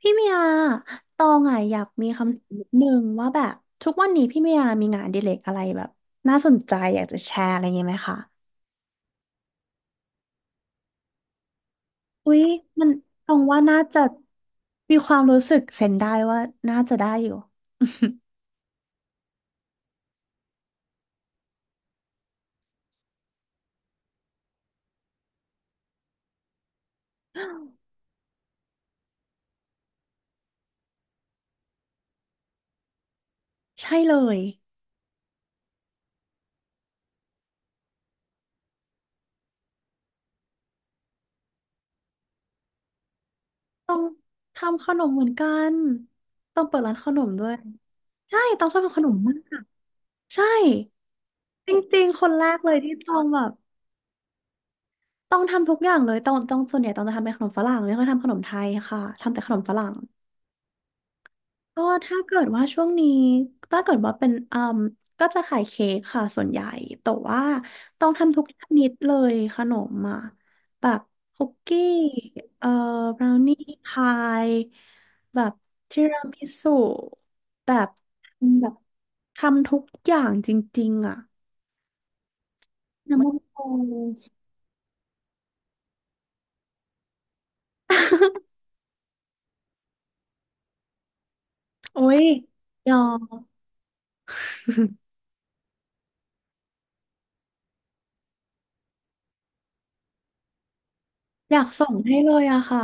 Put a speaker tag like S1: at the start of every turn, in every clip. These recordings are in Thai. S1: พี่เมียตองอ่ะอยากมีคำถามนิดนึงว่าแบบทุกวันนี้พี่เมียมีงานอดิเรกอะไรแบบน่าสนใจอยากจะแชร์อะไรอย่างงี้ไหมคะอุ๊ยมันตองว่าน่าจะมีความรู้สึกเซนได้ว่าน่าจะได้อยู่ ใช่เลยต้องทำขนมเหมือนกันต้องเปิดร้านขนมด้วยใช่ต้องชอบทำขนมมากใช่จริงๆคนแรกเลยที่ต้องแบบต้องทำทุกอย่างเลยต้องส่วนใหญ่ต้องจะทำเป็นขนมฝรั่งไม่ค่อยทำขนมไทยค่ะทำแต่ขนมฝรั่ง ก็ถ้าเกิดว่าช่วงนี้ถ้าเกิดว่าเป็นก็จะขายเค้กค่ะส่วนใหญ่แต่ว่าต้องทำทุกชนิดเลยขนมอ่ะแบบคุกกี้เอ่อบราวนี่พายแบบทีรามิสุแบบแบบทำทุกอย่างจริงๆอ่ะน้ำมันโอโอ้ยยอม อยากส่งให้เลยอะค่ะ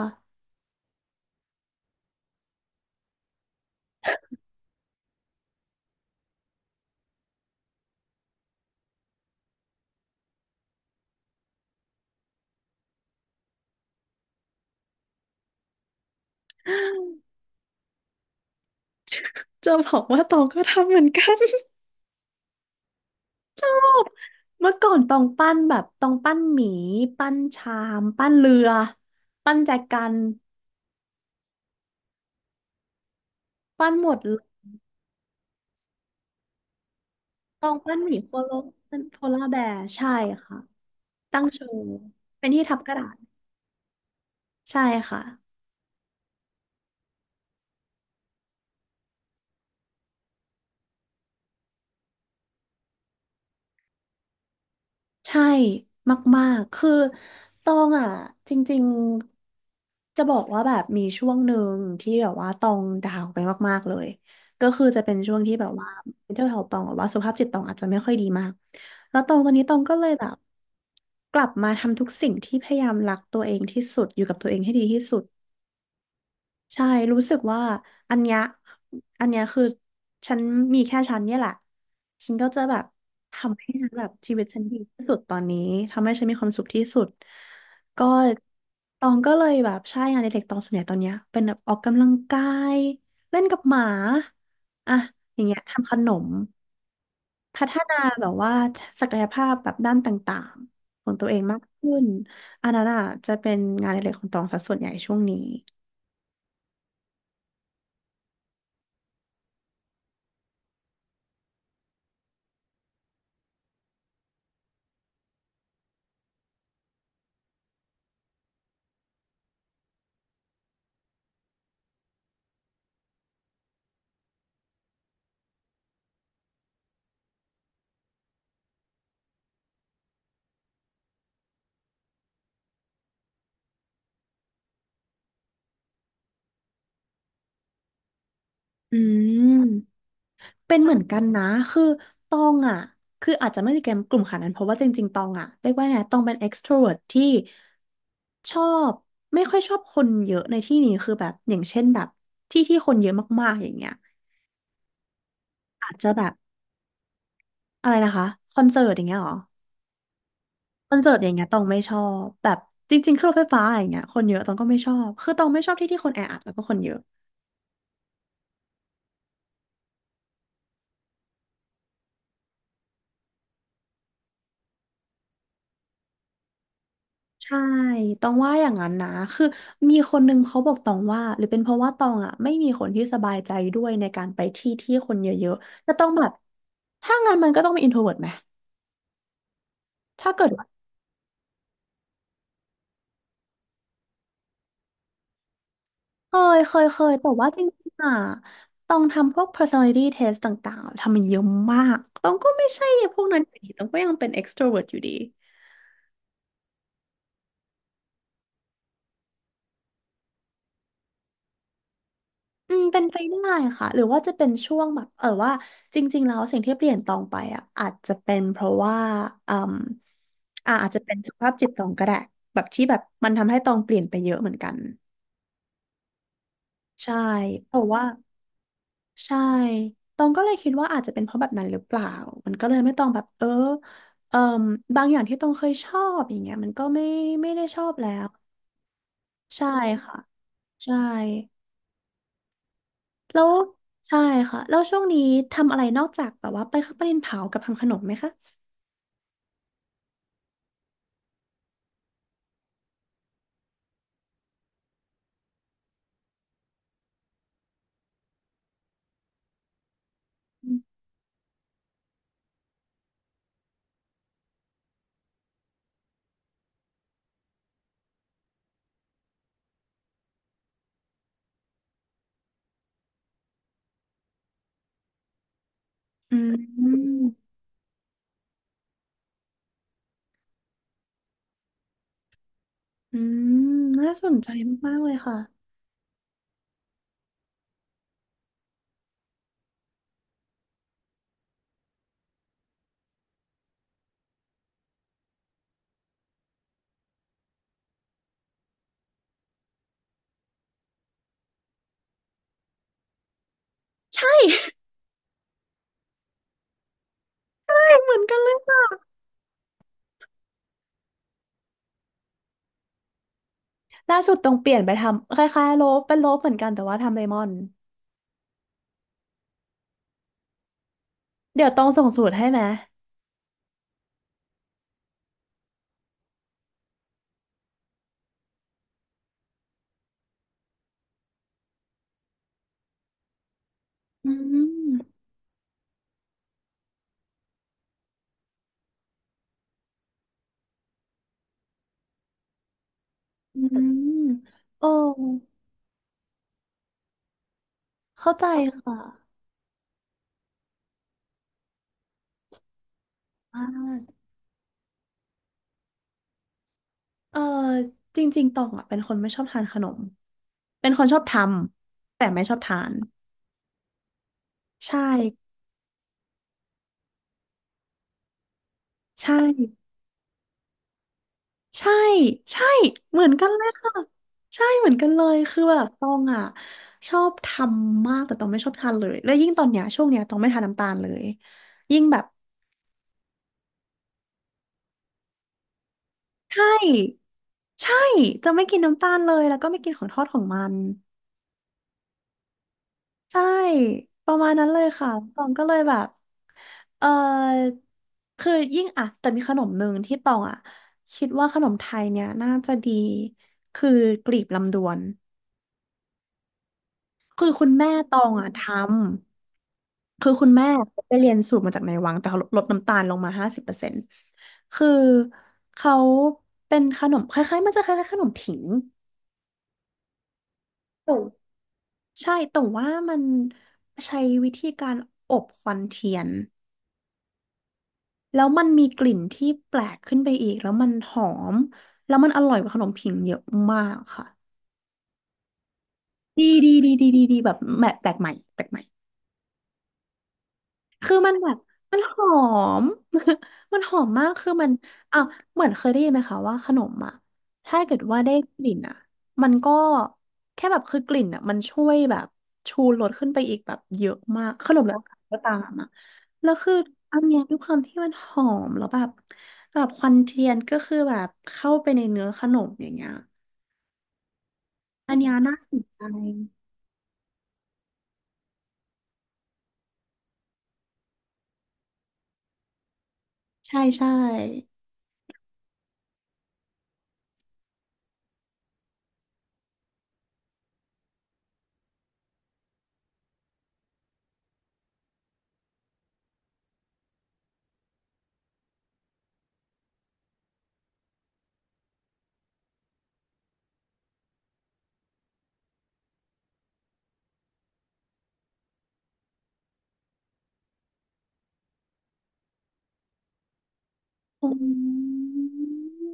S1: จะบอกว่าตองก็ทำเหมือนกัน เมื่อก่อนต้องปั้นแบบต้องปั้นหมีปั้นชามปั้นเรือปั้นแจกันปั้นหมดเลยต้องปั้นหมีโคโลปั้นโพลาร์แบร์ใช่ค่ะตั้งโชว์เป็นที่ทับกระดาษใช่ค่ะ ใช่มากๆ คือตองอ่ะจริงๆจะบอกว่าแบบมีช่วงหนึ่งที่แบบว่าตองดาวไปมากๆเลยก็คือจะเป็นช่วงที่แบบว่า mental health ตองหรือว่าสุขภาพจิตตองอาจจะไม่ค่อยดีมากแล้วตองตอนนี้ตองก็เลยแบบกลับมาทำทุกสิ่งที่พยายามรักตัวเองที่สุดอยู่กับตัวเองให้ดีที่สุด ใช่รู้สึกว่าอันเนี้ยอันเนี้ยคือฉันมีแค่ฉันเนี่ยแหละ ฉันก็จะแบบทำให้ฉันแบบชีวิตฉันดีที่สุดตอนนี้ ทำให้ฉันมีความสุขที่สุดก็ตองก็เลยแบบใช่งานอดิเรกตองส่วนใหญ่ตอนเนี้ยเป็นแบบออกกำลังกายเล่นกับหมาอะอย่างเงี้ยทำขนมพัฒนาแบบว่าศักยภาพแบบด้านต่างๆของตัวเองมากขึ้นอันนั้นอ่ะจะเป็นงานอดิเรกของตองซะส่วนใหญ่ช่วงนี้อืม เป็นเหมือนกันนะคือตองอ่ะคืออาจจะไม่ได้เกมกลุ่มขนาดนั้นเพราะว่าจริงๆตองอ่ะเรียกว่าไงตองเป็นเอ็กซ์โทรเวิร์ t ที่ชอบไม่ค่อยชอบคนเยอะในที่นี้คือแบบอย่างเช่นแบบที่ที่คนเยอะมากๆอย่างเงี้ยอาจจะแบบอะไรนะคะคอนเสิร์ตอย่างเงี้ยเหรอคอนเสิร์ตอย่างเงี้ยตองไม่ชอบแบบจริงๆเครื่องไฟฟ้าอย่างเงี้ยคนเยอะตองก็ไม่ชอบคือตองไม่ชอบที่ที่คนแออัดแล้วก็คนเยอะ ใช่ตองว่าอย่างนั้นนะ คือมีคนนึงเขาบอกตองว่า หรือเป็นเพราะว่าตองอ่ะไม่มีคนที่สบายใจด้วยในการไปที่ที่คนเยอะๆจะต้องแบบถ้างั้นมันก็ต้องเป็น introvert ไหมถ้าเกิดว่าเคยแต่ว่าจริงๆอ่ะตองทำพวก personality test ต่างๆ ทำมันเยอะมากตองก็ไม่ใช่พวกนั้นอยู่ดีตองก็ยังเป็น extrovert อยู่ดี อืมเป็นไปได้ค่ะหรือว่าจะเป็นช่วงแบบเออว่าจริงๆแล้วสิ่งที่เปลี่ยนตองไปอ่ะอาจจะเป็นเพราะว่าอืมอาจจะเป็นสุขภาพจิตตองก็ได้แบบที่แบบมันทำให้ตองเปลี่ยนไปเยอะเหมือนกันใช่เพราะว่าใช่ตองก็เลยคิดว่าอาจจะเป็นเพราะแบบนั้นหรือเปล่ามันก็เลยไม่ต้องแบบเออเอ่มบางอย่างที่ตองเคยชอบอย่างเงี้ยมันก็ไม่ได้ชอบแล้วใช่ค่ะใช่ แล้วใช่ค่ะแล้วช่วงนี้ทำอะไรนอกจากแบบว่าไปเข้าประเด็นเผากับทำขนมไหมคะอืมอืมน่าสนใจมากๆเลยค่ะใช่ เหมือนกันเลยค่ะล่าสุดต้องเปลี่ยนไปทำคล้ายๆโลฟเป็นโลฟเหมือนกันแต่ว่าทำเลมอนเดี๋ยวต้องส่งสูตรให้ไหมอืมอืมโอ้เข้าใจค่ะอ่าเออจริงๆตองอ่ะเป็นคนไม่ชอบทานขนมเป็นคนชอบทำแต่ไม่ชอบทานใช่ใช่ ใช่ใช่เหมือนกันเลยค่ะใช่เหมือนกันเลยคือแบบตองอ่ะชอบทำมากแต่ตองไม่ชอบทานเลยแล้วยิ่งตอนเนี้ยช่วงเนี้ยตองไม่ทานน้ำตาลเลยยิ่งแบบใช่ใช่จะไม่กินน้ำตาลเลยแล้วก็ไม่กินของทอดของมันใช่ประมาณนั้นเลยค่ะตองก็เลยแบบเออคือยิ่งอ่ะแต่มีขนมหนึ่งที่ตองอ่ะคิดว่าขนมไทยเนี่ยน่าจะดีคือกลีบลำดวนคือคุณแม่ตองอ่ะทำ คือคุณแม่เขาไปเรียนสูตรมาจากในวังแต่เขาลดน้ำตาลลงมา50%คือเขาเป็นขนมคล้ายๆมันจะคล้ายๆขนมผิงแต่ใช่แต่ว่ามันใช้วิธีการอบควันเทียนแล้วมันมีกลิ่นที่แปลกขึ้นไปอีกแล้วมันหอมแล้วมันอร่อยกว่าขนมผิงเยอะมากค่ะดีดีดีดีดีดีแบบแปลกใหม่แปลกใหม่ คือมันแบบมันหอม มันหอมมากคือมันอ่ะเหมือนเคยได้ยินไหมคะว่าขนมถ้าเกิดว่าได้กลิ่นมันก็แค่แบบคือกลิ่นมันช่วยแบบชูรสขึ้นไปอีกแบบเยอะมากขนมแล้วก็ตามแล้วคืออันเนี้ยด้วยความที่มันหอมแล้วแบบแบบควันเทียนก็คือแบบเข้าไปในเนื้อขนมอย่างเงี้ยอันเนี้ยน่าสนใจใช่ใช่อืม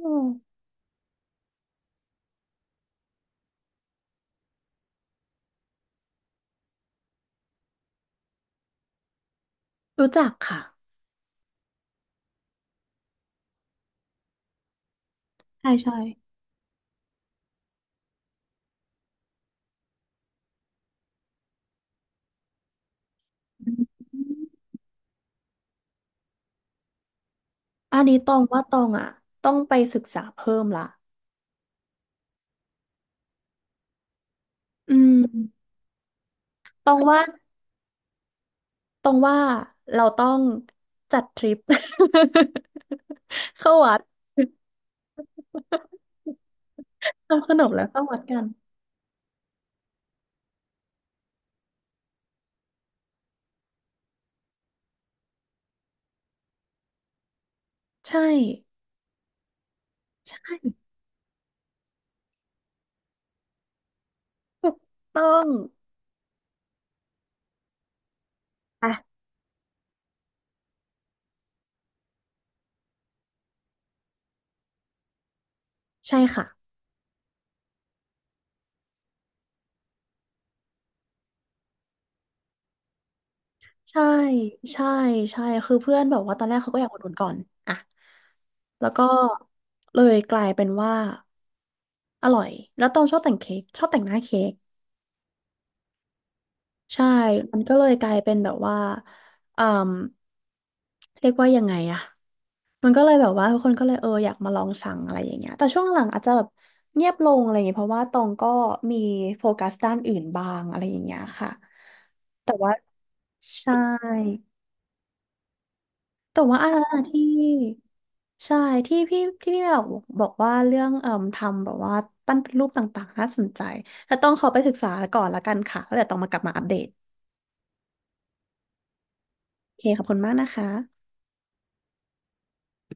S1: รู้จักค่ะใช่ใช่ อันนี้ตองว่าตองต้องไปศึกษาเพิ่มละอืมตองว่าตองว่าเราต้องจัดทริป เข้าวัดทำขนมแล้วเข้าวัดกันใช่ใช่ถูกต้องอ่ะใช่ค่ะใช่ใช่ใช่คือเพื่อนแบบว่าตอนแรกเขาก็อยากอุดหนุนก่อนอ่ะแล้วก็เลยกลายเป็นว่าอร่อยแล้วตองชอบแต่งเค้กชอบแต่งหน้าเค้ก ใช่มันก็เลยกลายเป็นแบบว่าเอ่มเรียกว่ายังไงอะมันก็เลยแบบว่าทุกคนก็เลยเอออยากมาลองสั่งอะไรอย่างเงี้ยแต่ช่วงหลังอาจจะแบบเงียบลงอะไรอย่างเงี้ยเพราะว่าตองก็มีโฟกัสด้านอื่นบ้างอะไรอย่างเงี้ยค่ะแต่ว่าใช่แต่ว่าอะไรที่ใช่ที่พี่แบบบอกว่าเรื่องเอ่มทำแบบว่าปั้นเป็นรูปต่างๆน่าสนใจแต่ต้องขอไปศึกษาก่อนละกันค่ะแล้วเดี๋ยวต้องมากลับมาอัปเดตโอเคขอบคุณมากนะคะ